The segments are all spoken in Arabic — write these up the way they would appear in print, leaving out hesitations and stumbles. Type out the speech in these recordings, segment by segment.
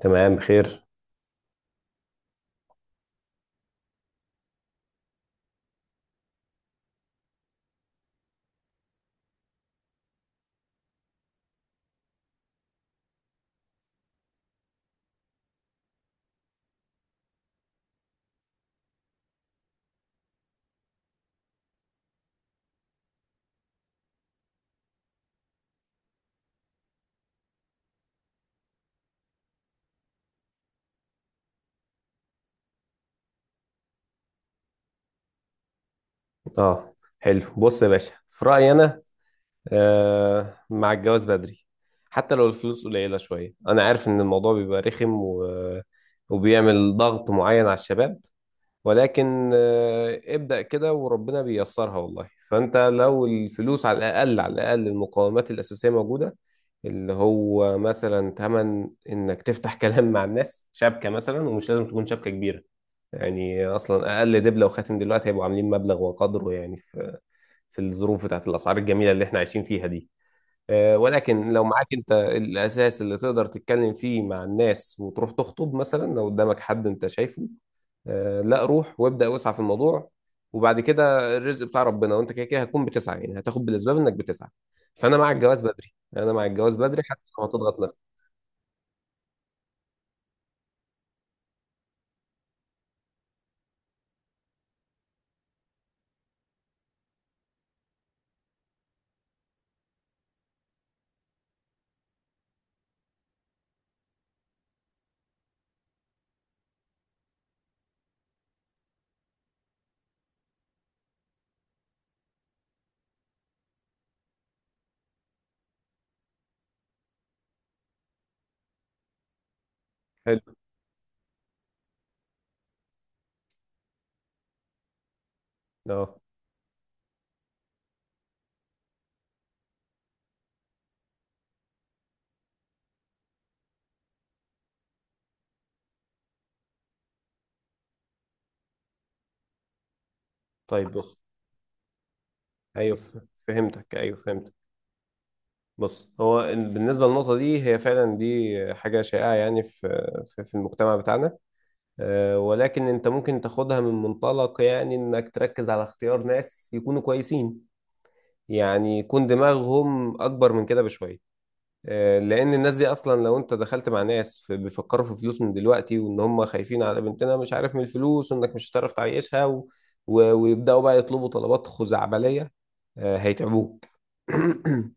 تمام بخير. اه، حلو، بص يا باشا، في رأيي انا مع الجواز بدري، حتى لو الفلوس قليلة شوية. انا عارف ان الموضوع بيبقى رخم وبيعمل ضغط معين على الشباب، ولكن ابدأ كده وربنا بييسرها والله. فانت لو الفلوس على الاقل، على الاقل المقومات الأساسية موجودة، اللي هو مثلا تمن انك تفتح كلام مع الناس، شبكة مثلا، ومش لازم تكون شبكة كبيرة. يعني اصلا اقل دبله وخاتم دلوقتي هيبقوا عاملين مبلغ وقدره، يعني في في الظروف بتاعت الاسعار الجميله اللي احنا عايشين فيها دي. ولكن لو معاك انت الاساس اللي تقدر تتكلم فيه مع الناس، وتروح تخطب مثلا، لو قدامك حد انت شايفه، لا، روح وابدا واسعى في الموضوع. وبعد كده الرزق بتاع ربنا، وانت كده كده هتكون بتسعى، يعني هتاخد بالاسباب انك بتسعى. فانا مع الجواز بدري، انا مع الجواز بدري حتى لو هتضغط نفسك. حلو. اه. طيب، بص. ايوه، فهمتك، ايوه، فهمتك. بص، هو بالنسبة للنقطة دي، هي فعلا دي حاجة شائعة، يعني في المجتمع بتاعنا. ولكن انت ممكن تاخدها من منطلق، يعني انك تركز على اختيار ناس يكونوا كويسين، يعني يكون دماغهم اكبر من كده بشوية. لان الناس دي اصلا لو انت دخلت مع ناس بيفكروا في فلوس من دلوقتي، وان هم خايفين على بنتنا مش عارف من الفلوس، وانك مش هتعرف تعيشها ويبدأوا بقى يطلبوا طلبات خزعبلية. هيتعبوك.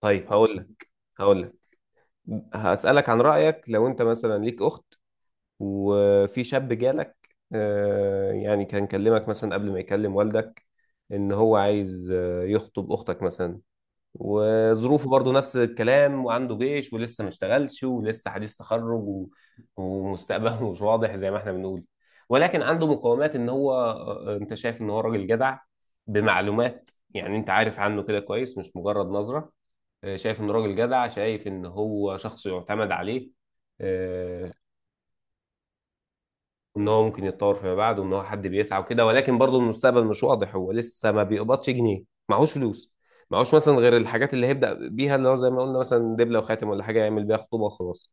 طيب، هقول لك. هسألك عن رأيك. لو انت مثلا ليك اخت، وفي شاب جالك، يعني كان كلمك مثلا قبل ما يكلم والدك، ان هو عايز يخطب اختك مثلا، وظروفه برضو نفس الكلام، وعنده جيش، ولسه ما اشتغلش، ولسه حديث تخرج ومستقبله مش واضح زي ما احنا بنقول، ولكن عنده مقومات، ان هو انت شايف ان هو راجل جدع، بمعلومات. يعني انت عارف عنه كده كويس، مش مجرد نظرة. شايف انه راجل جدع، شايف ان هو شخص يعتمد عليه. آه، ان هو ممكن يتطور فيما بعد، وان هو حد بيسعى وكده، ولكن برضه المستقبل مش واضح، هو لسه ما بيقبضش جنيه، معهوش فلوس، معهوش مثلا غير الحاجات اللي هيبدأ بيها، اللي هو زي ما قلنا مثلا دبلة وخاتم، ولا حاجة يعمل بيها خطوبة وخلاص.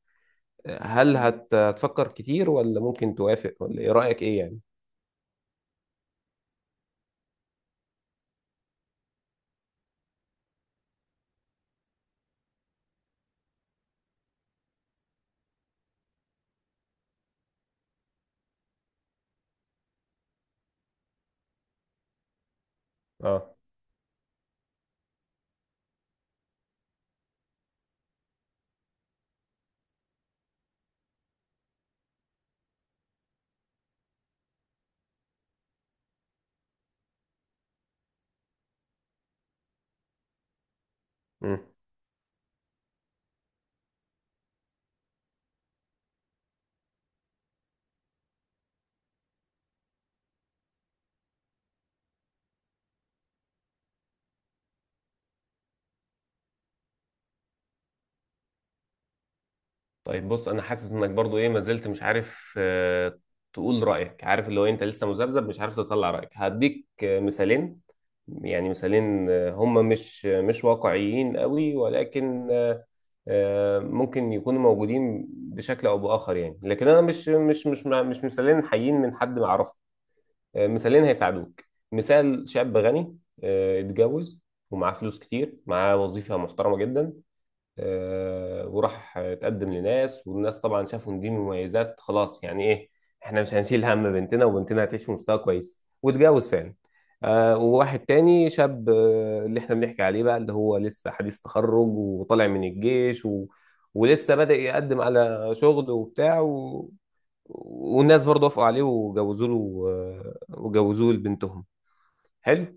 هتفكر كتير، ولا ممكن توافق، ولا ايه رأيك، ايه يعني؟ اه. مم. طيب، بص، انا حاسس انك برضو ايه، ما زلت مش عارف تقول رايك. عارف، اللي هو انت لسه مذبذب مش عارف تطلع رايك. هديك مثالين، يعني مثالين هم مش واقعيين قوي، ولكن ممكن يكونوا موجودين بشكل او باخر يعني، لكن انا مش مثالين حيين من حد ما اعرفه. مثالين هيساعدوك. مثال شاب غني، اتجوز ومعاه فلوس كتير، معاه وظيفة محترمة جدا. وراح اتقدم لناس، والناس طبعا شافوا ان دي مميزات، خلاص يعني ايه، احنا مش هنشيل هم بنتنا، وبنتنا هتعيش في مستوى كويس، واتجوز فعلا. وواحد تاني شاب، اللي احنا بنحكي عليه بقى، اللي هو لسه حديث تخرج وطالع من الجيش ولسه بدأ يقدم على شغل وبتاع والناس برضه وافقوا عليه وجوزوا له، وجوزوه لبنتهم. حلو.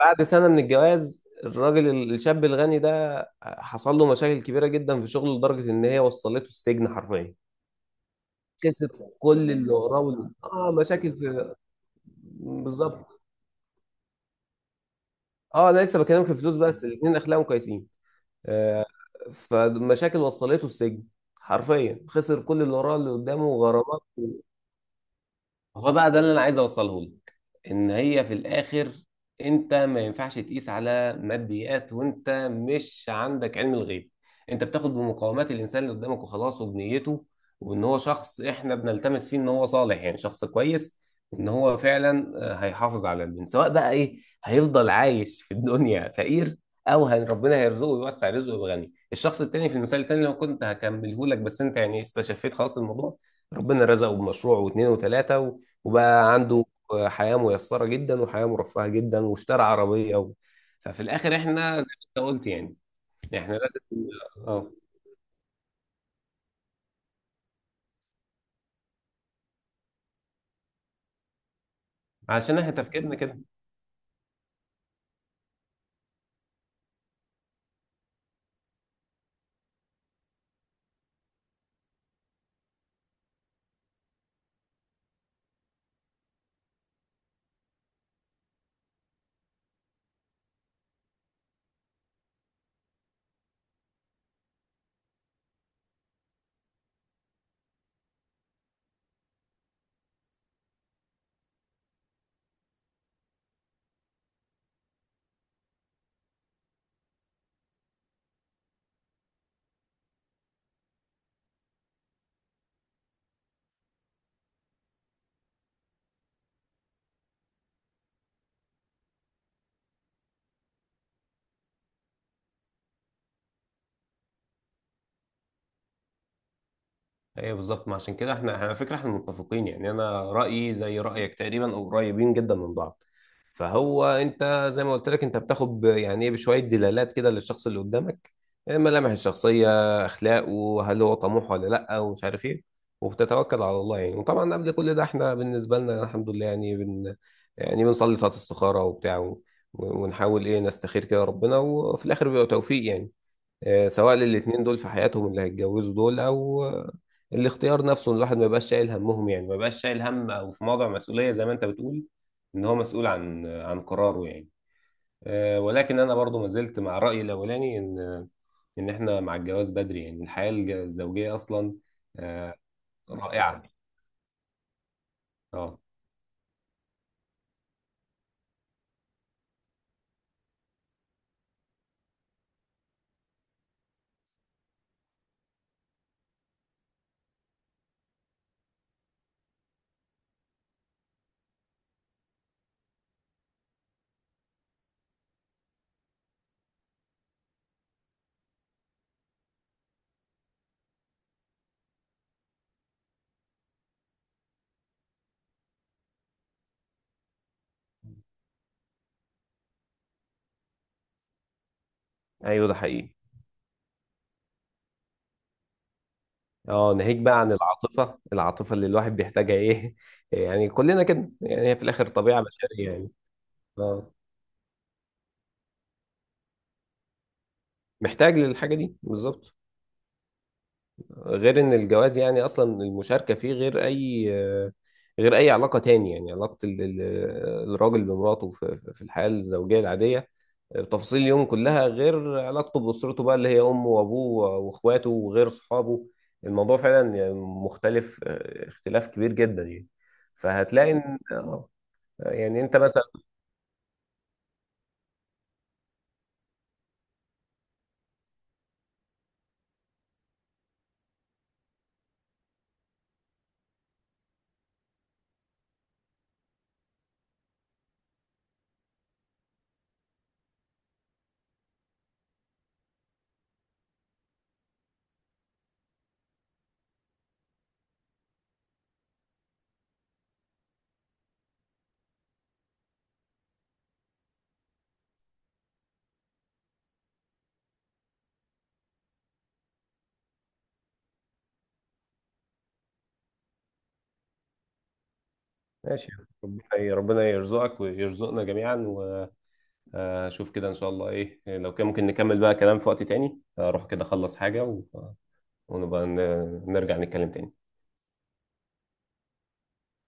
بعد سنة من الجواز، الراجل الشاب الغني ده حصل له مشاكل كبيرة جدا في شغله، لدرجة إن هي وصلته السجن حرفيا. كسب كل اللي وراه اه مشاكل في. بالظبط. اه، انا لسه بكلمك في الفلوس، بس الاثنين اخلاقهم كويسين. آه. فمشاكل وصلته السجن حرفيا، خسر كل اللي وراه، اللي قدامه غرامات. هو بقى ده اللي انا عايز اوصله لك، ان هي في الاخر انت ما ينفعش تقيس على ماديات، وانت مش عندك علم الغيب. انت بتاخد بمقاومات الانسان اللي قدامك وخلاص، وبنيته، وان هو شخص احنا بنلتمس فيه ان هو صالح، يعني شخص كويس، وان هو فعلا هيحافظ على البنت، سواء بقى ايه، هيفضل عايش في الدنيا فقير، او ربنا هيرزقه ويوسع رزقه ويبقى غني. الشخص التاني في المثال التاني اللي أنا كنت هكمله لك، بس انت يعني استشفيت خلاص الموضوع، ربنا رزقه بمشروع واثنين وثلاثة، وبقى عنده حياة ميسرة جدا، وحياة مرفهة جدا، واشترى عربية ففي الآخر احنا زي ما انت قلت يعني، احنا لازم، اه، عشان احنا تفكيرنا كده. ايه بالظبط، ما عشان كده احنا على فكره احنا متفقين يعني، انا رايي زي رايك تقريبا، او قريبين جدا من بعض. فهو انت زي ما قلت لك، انت بتاخد يعني ايه، بشويه دلالات كده للشخص اللي قدامك، إيه ملامح الشخصيه، اخلاقه، هل هو طموح ولا لا، ومش عارف ايه، وبتتوكل على الله يعني. وطبعا قبل كل ده احنا بالنسبه لنا الحمد لله، يعني بن يعني بنصلي صلاه استخاره وبتاع ونحاول ايه نستخير كده ربنا، وفي الاخر بيبقى توفيق يعني، سواء للاتنين دول في حياتهم اللي هيتجوزوا دول، او الاختيار نفسه، إن الواحد ما يبقاش شايل همهم، يعني ما يبقاش شايل هم، او في موضع مسؤولية زي ما انت بتقول ان هو مسؤول عن قراره يعني. ولكن انا برضو ما زلت مع رأيي الاولاني، ان احنا مع الجواز بدري. يعني الحياة الزوجية اصلا آه، رائعة. اه. ايوه، ده حقيقي. اه، ناهيك بقى عن العاطفة، العاطفة اللي الواحد بيحتاجها ايه، يعني كلنا كده يعني، هي في الاخر طبيعة بشرية يعني. اه، محتاج للحاجة دي بالظبط. غير ان الجواز يعني اصلا المشاركه فيه غير اي، غير اي علاقه تاني، يعني علاقه الراجل بمراته في الحياه الزوجيه العاديه، تفاصيل اليوم كلها، غير علاقته باسرته بقى، اللي هي امه وابوه واخواته، وغير صحابه. الموضوع فعلا يعني مختلف، اختلاف كبير جدا يعني. فهتلاقي ان يعني انت مثلا. ماشي. ربنا، ربنا يرزقك ويرزقنا جميعا. شوف كده ان شاء الله ايه، لو كان ممكن نكمل بقى كلام في وقت تاني، اروح كده اخلص حاجة ونبقى نرجع نتكلم تاني.